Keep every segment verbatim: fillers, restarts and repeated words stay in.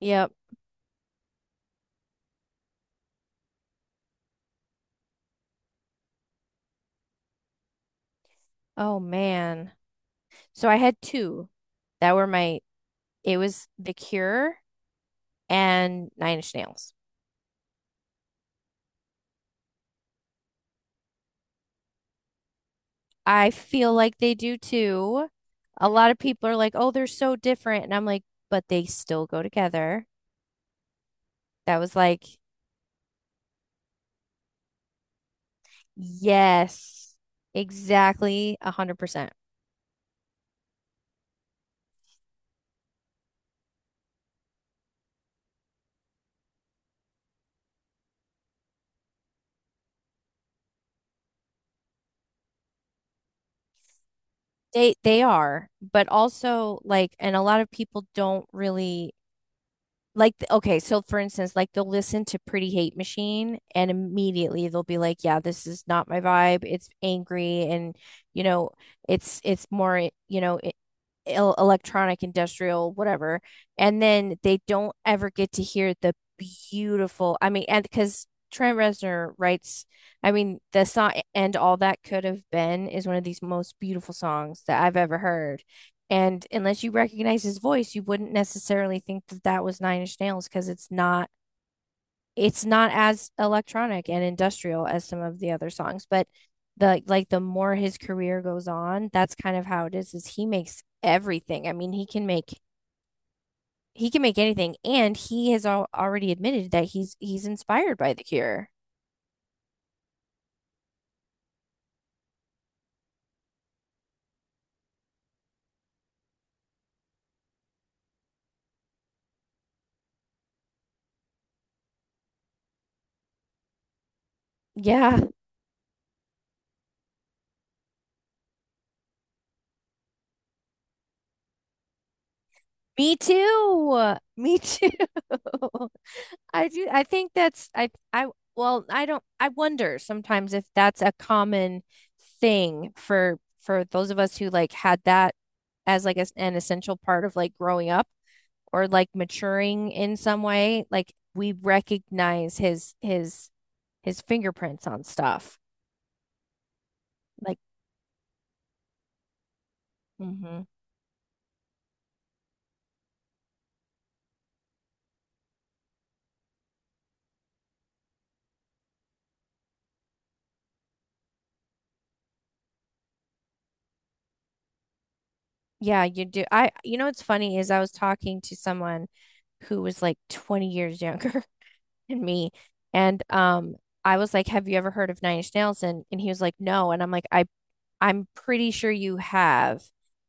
Yep. Oh man. So I had two that were my, it was The Cure and Nine Inch Nails. I feel like they do too. A lot of people are like, oh, they're so different. And I'm like, but they still go together. That was like, yes, exactly. A hundred percent. They they are, but also like, and a lot of people don't really like th- okay, so for instance like they'll listen to Pretty Hate Machine and immediately they'll be like, yeah, this is not my vibe, it's angry and you know it's it's more you know i- electronic, industrial, whatever, and then they don't ever get to hear the beautiful, I mean and because Trent Reznor writes, I mean, the song "And All That Could Have Been" is one of these most beautiful songs that I've ever heard. And unless you recognize his voice, you wouldn't necessarily think that that was Nine Inch Nails, because it's not, it's not as electronic and industrial as some of the other songs. But the like the more his career goes on, that's kind of how it is, is he makes everything. I mean, he can make, he can make anything, and he has al already admitted that he's he's inspired by The Cure. Yeah, me too. Me too. I do, I think that's I I well, I don't, I wonder sometimes if that's a common thing for for those of us who like had that as like a, an essential part of like growing up or like maturing in some way, like we recognize his his his fingerprints on stuff like. Mm-hmm. Yeah, you do. I, you know what's funny is I was talking to someone who was like twenty years younger than me, and um I was like, have you ever heard of Nine Inch Nails? And and he was like, no. And I'm like, I I'm pretty sure you have.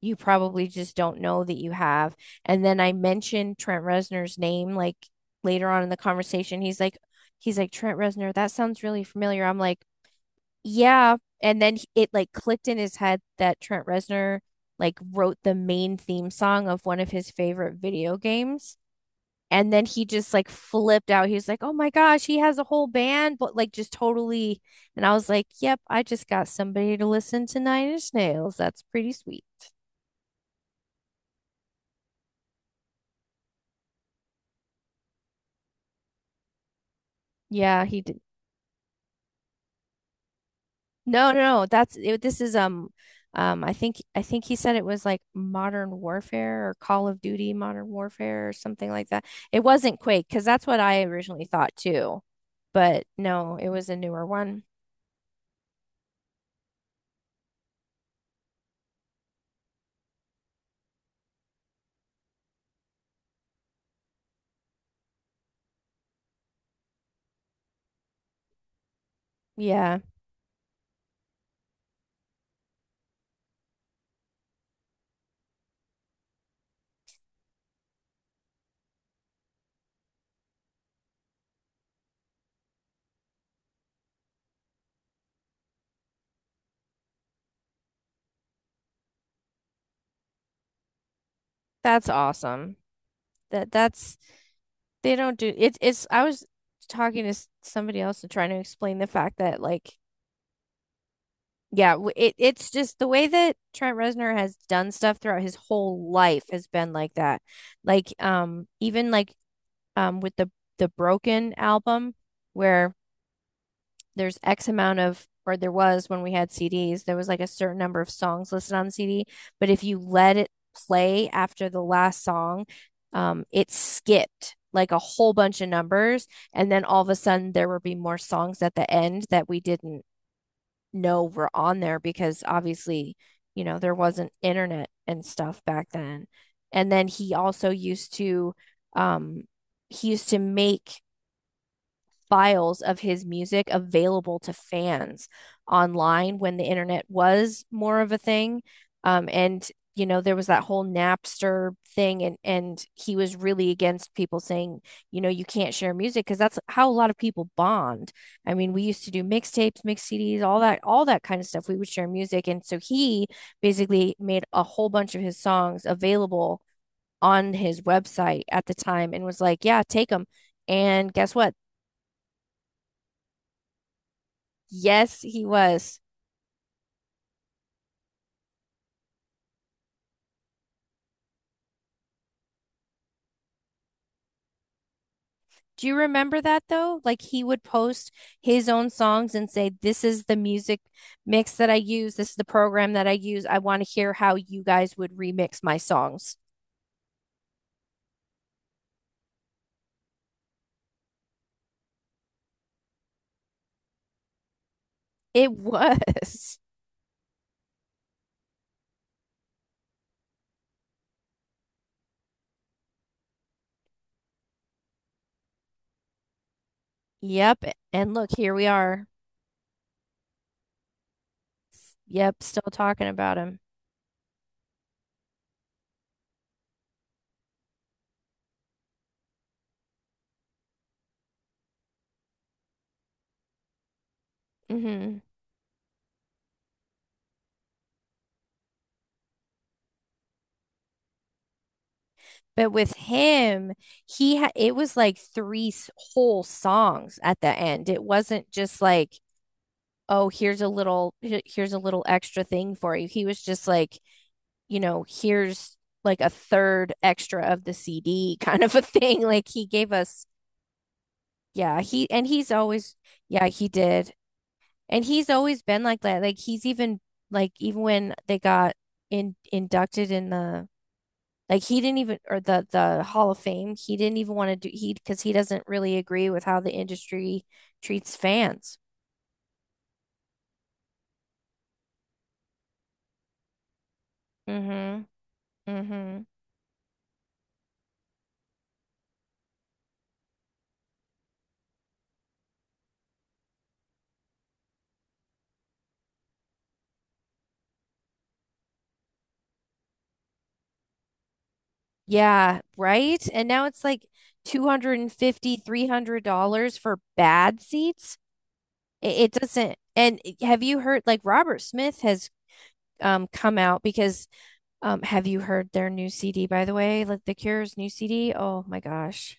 You probably just don't know that you have. And then I mentioned Trent Reznor's name like later on in the conversation. He's like, he's like, Trent Reznor, that sounds really familiar. I'm like, yeah. And then it like clicked in his head that Trent Reznor like wrote the main theme song of one of his favorite video games. And then he just like flipped out. He was like, "Oh my gosh, he has a whole band," but like just totally. And I was like, "Yep, I just got somebody to listen to Nine Inch Nails. That's pretty sweet." Yeah, he did. No, no, no. That's it, this is um um I think I think he said it was like Modern Warfare or Call of Duty Modern Warfare or something like that. It wasn't Quake because that's what I originally thought too. But no, it was a newer one. Yeah, that's awesome. That that's They don't do it. It's, I was talking to somebody else and trying to explain the fact that like, yeah, it it's just the way that Trent Reznor has done stuff throughout his whole life has been like that. Like um even like um with the the Broken album where there's X amount of, or there was, when we had C Ds, there was like a certain number of songs listed on the C D. But if you let it play after the last song, um, it skipped like a whole bunch of numbers. And then all of a sudden, there would be more songs at the end that we didn't know were on there, because obviously, you know, there wasn't internet and stuff back then. And then he also used to, um, he used to make files of his music available to fans online when the internet was more of a thing. Um, and you know, there was that whole Napster thing, and and he was really against people saying, you know, you can't share music, because that's how a lot of people bond. I mean, we used to do mixtapes, mix C Ds, all that, all that kind of stuff. We would share music, and so he basically made a whole bunch of his songs available on his website at the time and was like, yeah, take them. And guess what? Yes, he was. Do you remember that though? Like he would post his own songs and say, this is the music mix that I use. This is the program that I use. I want to hear how you guys would remix my songs. It was. Yep. And look, here we are. Yep. Still talking about him. Hmm. But with him, he ha- it was like three s- whole songs at the end. It wasn't just like, oh, here's a little, here- here's a little extra thing for you. He was just like, you know, here's like a third extra of the C D kind of a thing. Like he gave us, yeah, he and he's always, yeah, he did. And he's always been like that. Like he's even like even when they got in inducted in the like he didn't even, or the the Hall of Fame, he didn't even want to do, he because he doesn't really agree with how the industry treats fans. Mm-hmm. Mm-hmm. Yeah, right? And now it's like two hundred and fifty, three hundred dollars for bad seats. It, it doesn't. And have you heard like Robert Smith has um come out because um have you heard their new C D, by the way? Like The Cure's new C D? Oh my gosh.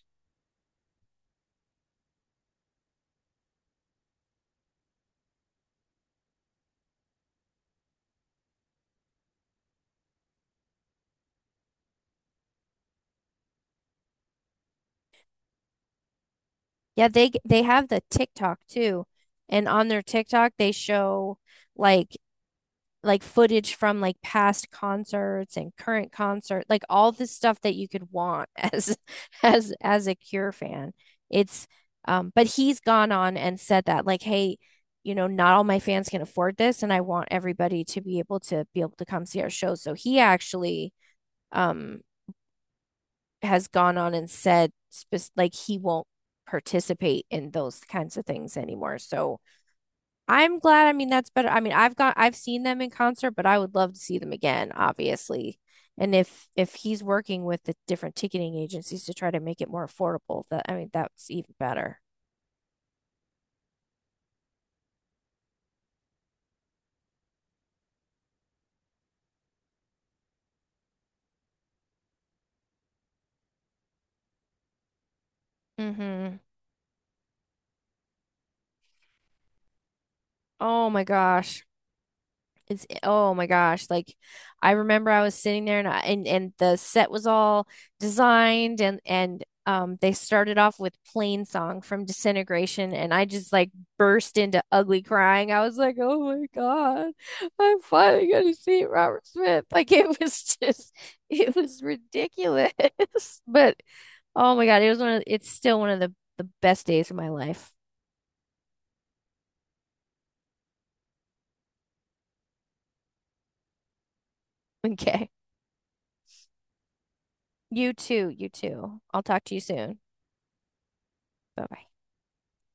Yeah, they they have the TikTok too. And on their TikTok they show like like footage from like past concerts and current concert, like all this stuff that you could want as as as a Cure fan. It's um but he's gone on and said that like, hey, you know, not all my fans can afford this and I want everybody to be able to be able to come see our show. So he actually um has gone on and said spe- like he won't participate in those kinds of things anymore. So I'm glad. I mean, that's better. I mean, I've got I've seen them in concert, but I would love to see them again, obviously. And if if he's working with the different ticketing agencies to try to make it more affordable, that I mean, that's even better. Mm-hmm. Oh my gosh. It's oh my gosh, like I remember I was sitting there and I, and and the set was all designed and and um they started off with Plain Song from Disintegration and I just like burst into ugly crying. I was like, "Oh my God. I'm finally going to see Robert Smith." Like it was just it was ridiculous. But oh my God, it was one of it's still one of the the best days of my life. Okay. You too, you too. I'll talk to you soon. Bye-bye.